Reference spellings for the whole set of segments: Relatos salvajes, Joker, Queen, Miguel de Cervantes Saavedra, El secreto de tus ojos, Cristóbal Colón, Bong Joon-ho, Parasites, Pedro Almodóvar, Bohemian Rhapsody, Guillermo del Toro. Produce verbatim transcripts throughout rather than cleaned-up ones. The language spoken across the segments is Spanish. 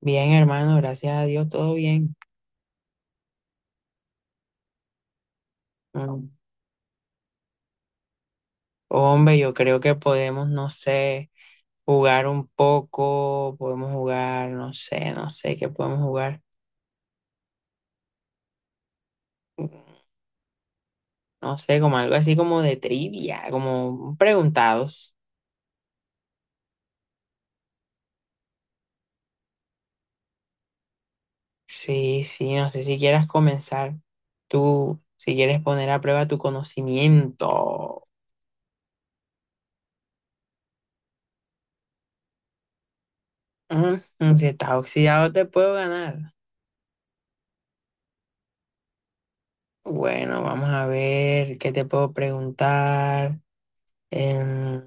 Bien, hermano, gracias a Dios, todo bien. Mm. Hombre, yo creo que podemos, no sé, jugar un poco, podemos jugar, no sé, no sé qué podemos jugar. No sé, como algo así como de trivia, como preguntados. Sí, sí, no sé si quieras comenzar tú, si quieres poner a prueba tu conocimiento. Mm, si estás oxidado, te puedo ganar. Bueno, vamos a ver qué te puedo preguntar. Em,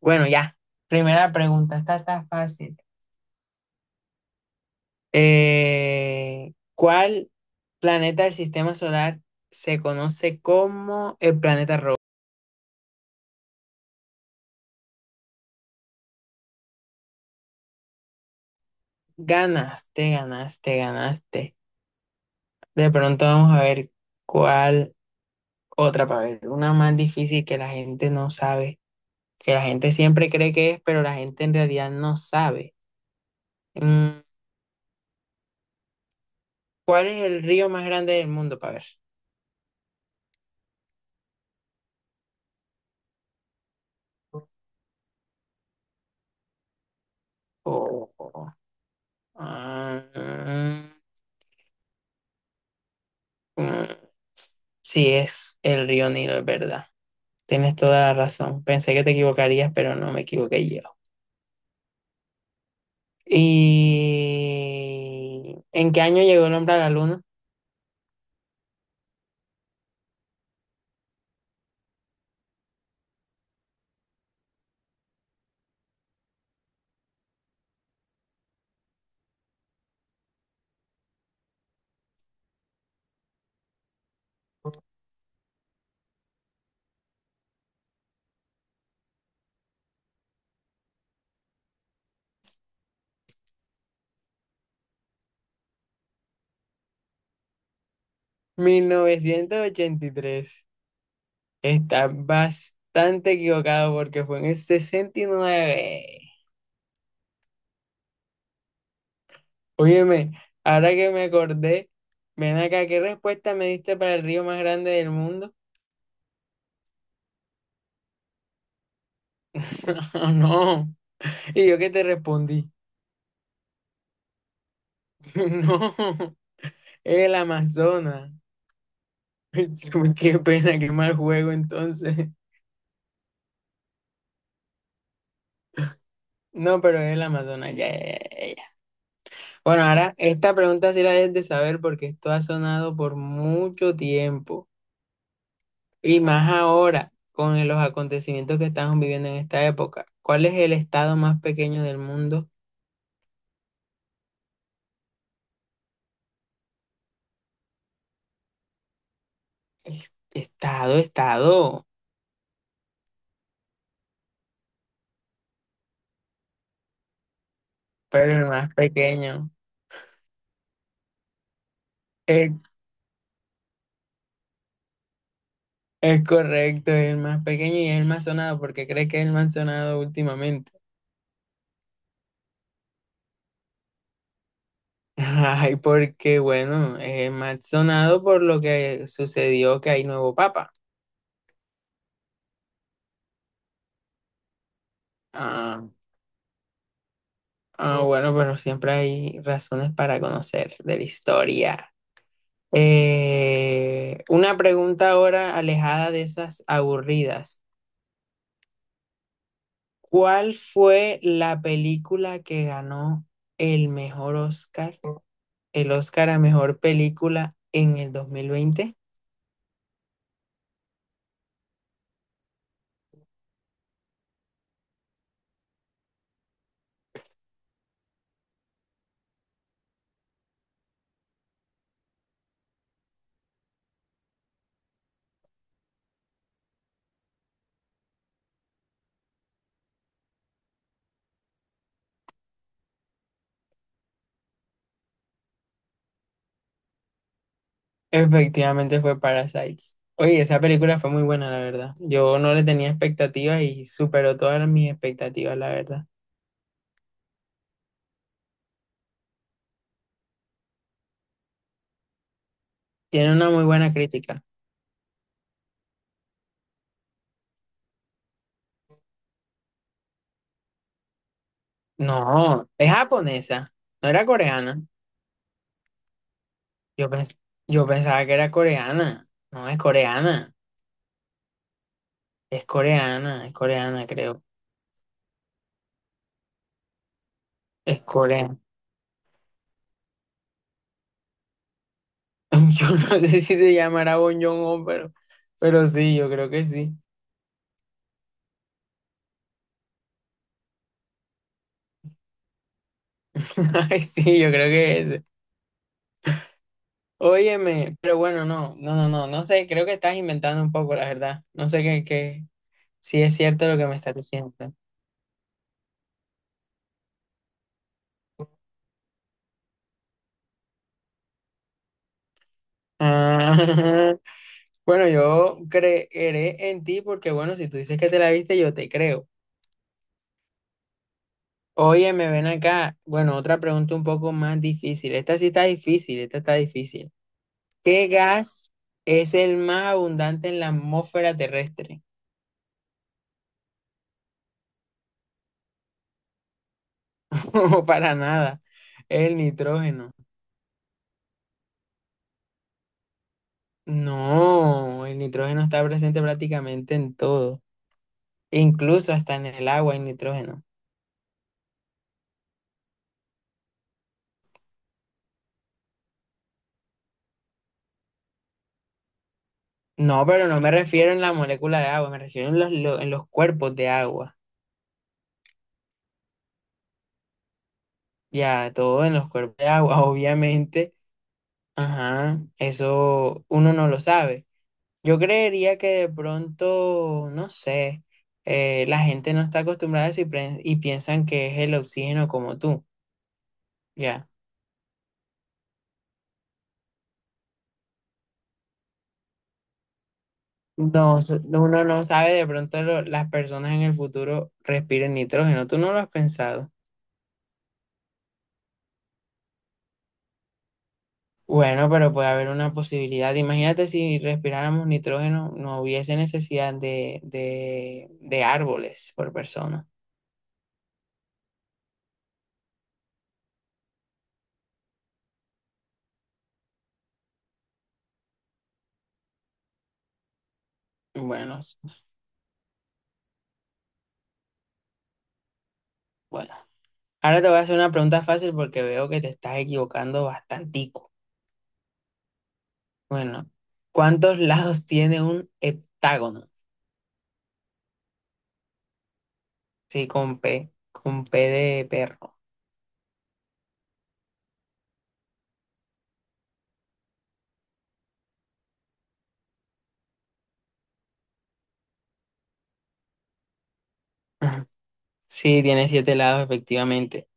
Bueno, ya. Primera pregunta, esta está fácil. Eh, ¿cuál planeta del sistema solar se conoce como el planeta rojo? Ganaste, ganaste, ganaste. De pronto vamos a ver cuál otra para ver. Una más difícil que la gente no sabe, que la gente siempre cree que es, pero la gente en realidad no sabe. Mm, ¿Cuál es el río más grande del mundo para ver? Oh, ah, mm, sí, es el río Nilo, es verdad. Tienes toda la razón. Pensé que te equivocarías, pero no me equivoqué yo. ¿Y en qué año llegó el hombre a la luna? Mil novecientos ochenta y tres. Está bastante equivocado porque fue en el sesenta y nueve. Óyeme, ahora que me acordé, ven acá, ¿qué respuesta me diste para el río más grande del mundo? No, y yo que te respondí. No. El Amazonas. Qué pena, qué mal juego entonces. No, pero el Amazonas, ya, ya, ya, ya. Bueno, ahora esta pregunta sí la debes de saber porque esto ha sonado por mucho tiempo y más ahora con los acontecimientos que estamos viviendo en esta época. ¿Cuál es el estado más pequeño del mundo? Es- Estado, estado, pero el más pequeño. Es, es correcto, es el más pequeño y es el más sonado porque cree que es el más sonado últimamente. Ay, porque bueno, es más sonado por lo que sucedió que hay nuevo papa. Ah, ah, bueno, pero siempre hay razones para conocer de la historia. Eh, una pregunta ahora alejada de esas aburridas. ¿Cuál fue la película que ganó el mejor Oscar, el Oscar a mejor película en el dos mil veinte? Efectivamente fue Parasites. Oye, esa película fue muy buena, la verdad. Yo no le tenía expectativas y superó todas mis expectativas, la verdad. Tiene una muy buena crítica. No, es japonesa, no era coreana. Yo pens- yo pensaba que era coreana. No, es coreana. Es coreana, es coreana, creo. Es coreana. Yo no sé si se llamará Bong Joon-ho, pero, pero sí, yo creo que sí. Ay, sí, yo creo que es. Óyeme, pero bueno, no, no, no, no, no sé, creo que estás inventando un poco, la verdad. No sé qué, qué, si es cierto lo que me estás diciendo. Ah, bueno, yo creeré en ti porque, bueno, si tú dices que te la viste, yo te creo. Óyeme, ven acá. Bueno, otra pregunta un poco más difícil. Esta sí está difícil, esta está difícil. ¿Qué gas es el más abundante en la atmósfera terrestre? No, para nada. Es el nitrógeno. No, el nitrógeno está presente prácticamente en todo, incluso hasta en el agua hay nitrógeno. No, pero no me refiero en la molécula de agua, me refiero en los, lo- en los cuerpos de agua. Ya, todo en los cuerpos de agua, obviamente. Ajá, eso uno no lo sabe. Yo creería que de pronto, no sé, eh, la gente no está acostumbrada a eso y, pre- y piensan que es el oxígeno como tú. Ya. No, so- no, uno no sabe, de pronto lo- las personas en el futuro respiren nitrógeno, tú no lo has pensado. Bueno, pero puede haber una posibilidad. Imagínate si respiráramos nitrógeno, no hubiese necesidad de, de, de árboles por persona. Bueno, s- bueno. Ahora te voy a hacer una pregunta fácil porque veo que te estás equivocando bastantico. Bueno, ¿cuántos lados tiene un heptágono? Sí, con P, con P de perro. Sí, tiene siete lados, efectivamente.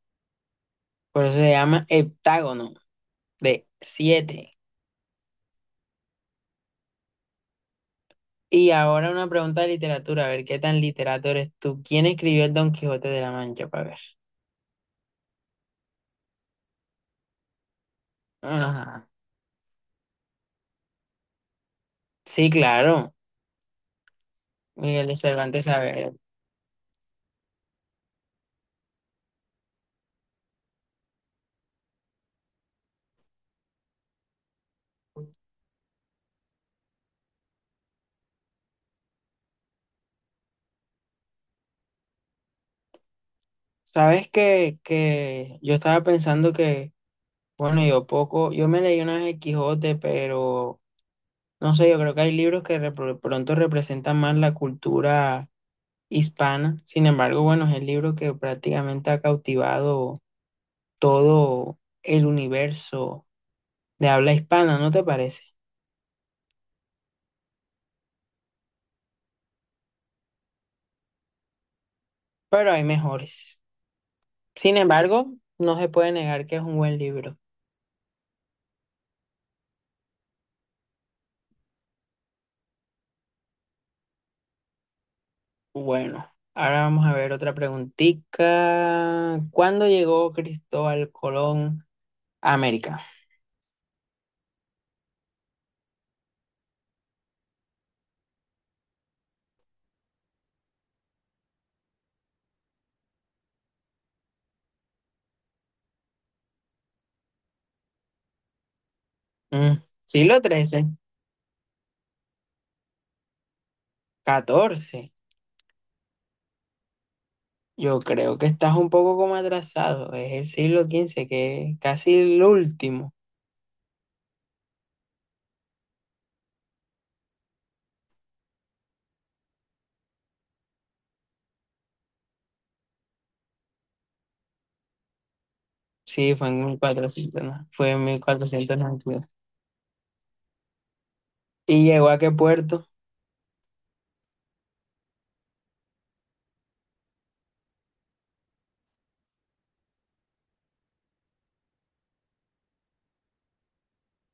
Por eso se llama heptágono de siete. Y ahora una pregunta de literatura, a ver qué tan literato eres tú. ¿Quién escribió el Don Quijote de la Mancha? Para ver. Ajá. Sí, claro. Miguel de Cervantes Saavedra. Sabes que, que yo estaba pensando que, bueno, yo poco, yo me leí una vez el Quijote, pero no sé, yo creo que hay libros que repro- pronto representan más la cultura hispana. Sin embargo, bueno, es el libro que prácticamente ha cautivado todo el universo de habla hispana, ¿no te parece? Pero hay mejores. Sin embargo, no se puede negar que es un buen libro. Bueno, ahora vamos a ver otra preguntita. ¿Cuándo llegó Cristóbal Colón a América? Mm, siglo trece, catorce. Yo creo que estás un poco como atrasado. Es el siglo quince, que es casi el último. Sí, fue en mil cuatrocientos, ¿no? Fue en mil cuatrocientos noventa y dos. ¿Y llegó a qué puerto?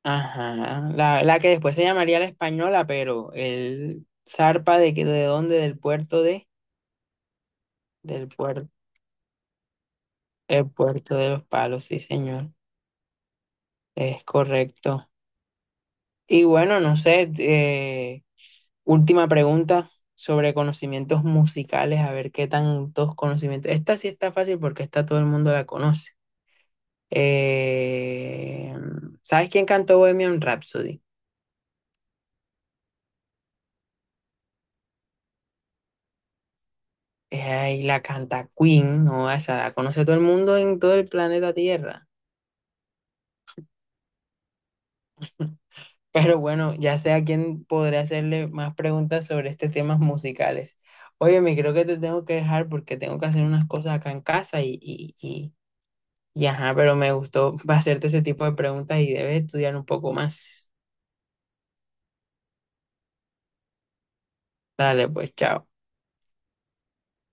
Ajá, la, la que después se llamaría la española, pero él zarpa de que de dónde, del puerto de, del puerto, el puerto de los palos, sí señor, es correcto. Y bueno, no sé, eh, última pregunta sobre conocimientos musicales, a ver qué tantos conocimientos. Esta sí está fácil porque esta todo el mundo la conoce. Eh, ¿Sabes quién cantó Bohemian Rhapsody? Eh, y la canta Queen, ¿no? Esa la conoce todo el mundo en todo el planeta Tierra. Pero bueno, ya sé a quién podré hacerle más preguntas sobre estos temas musicales. Oye, me creo que te tengo que dejar porque tengo que hacer unas cosas acá en casa y, y, y, y ajá, pero me gustó hacerte ese tipo de preguntas y debes estudiar un poco más. Dale, pues, chao.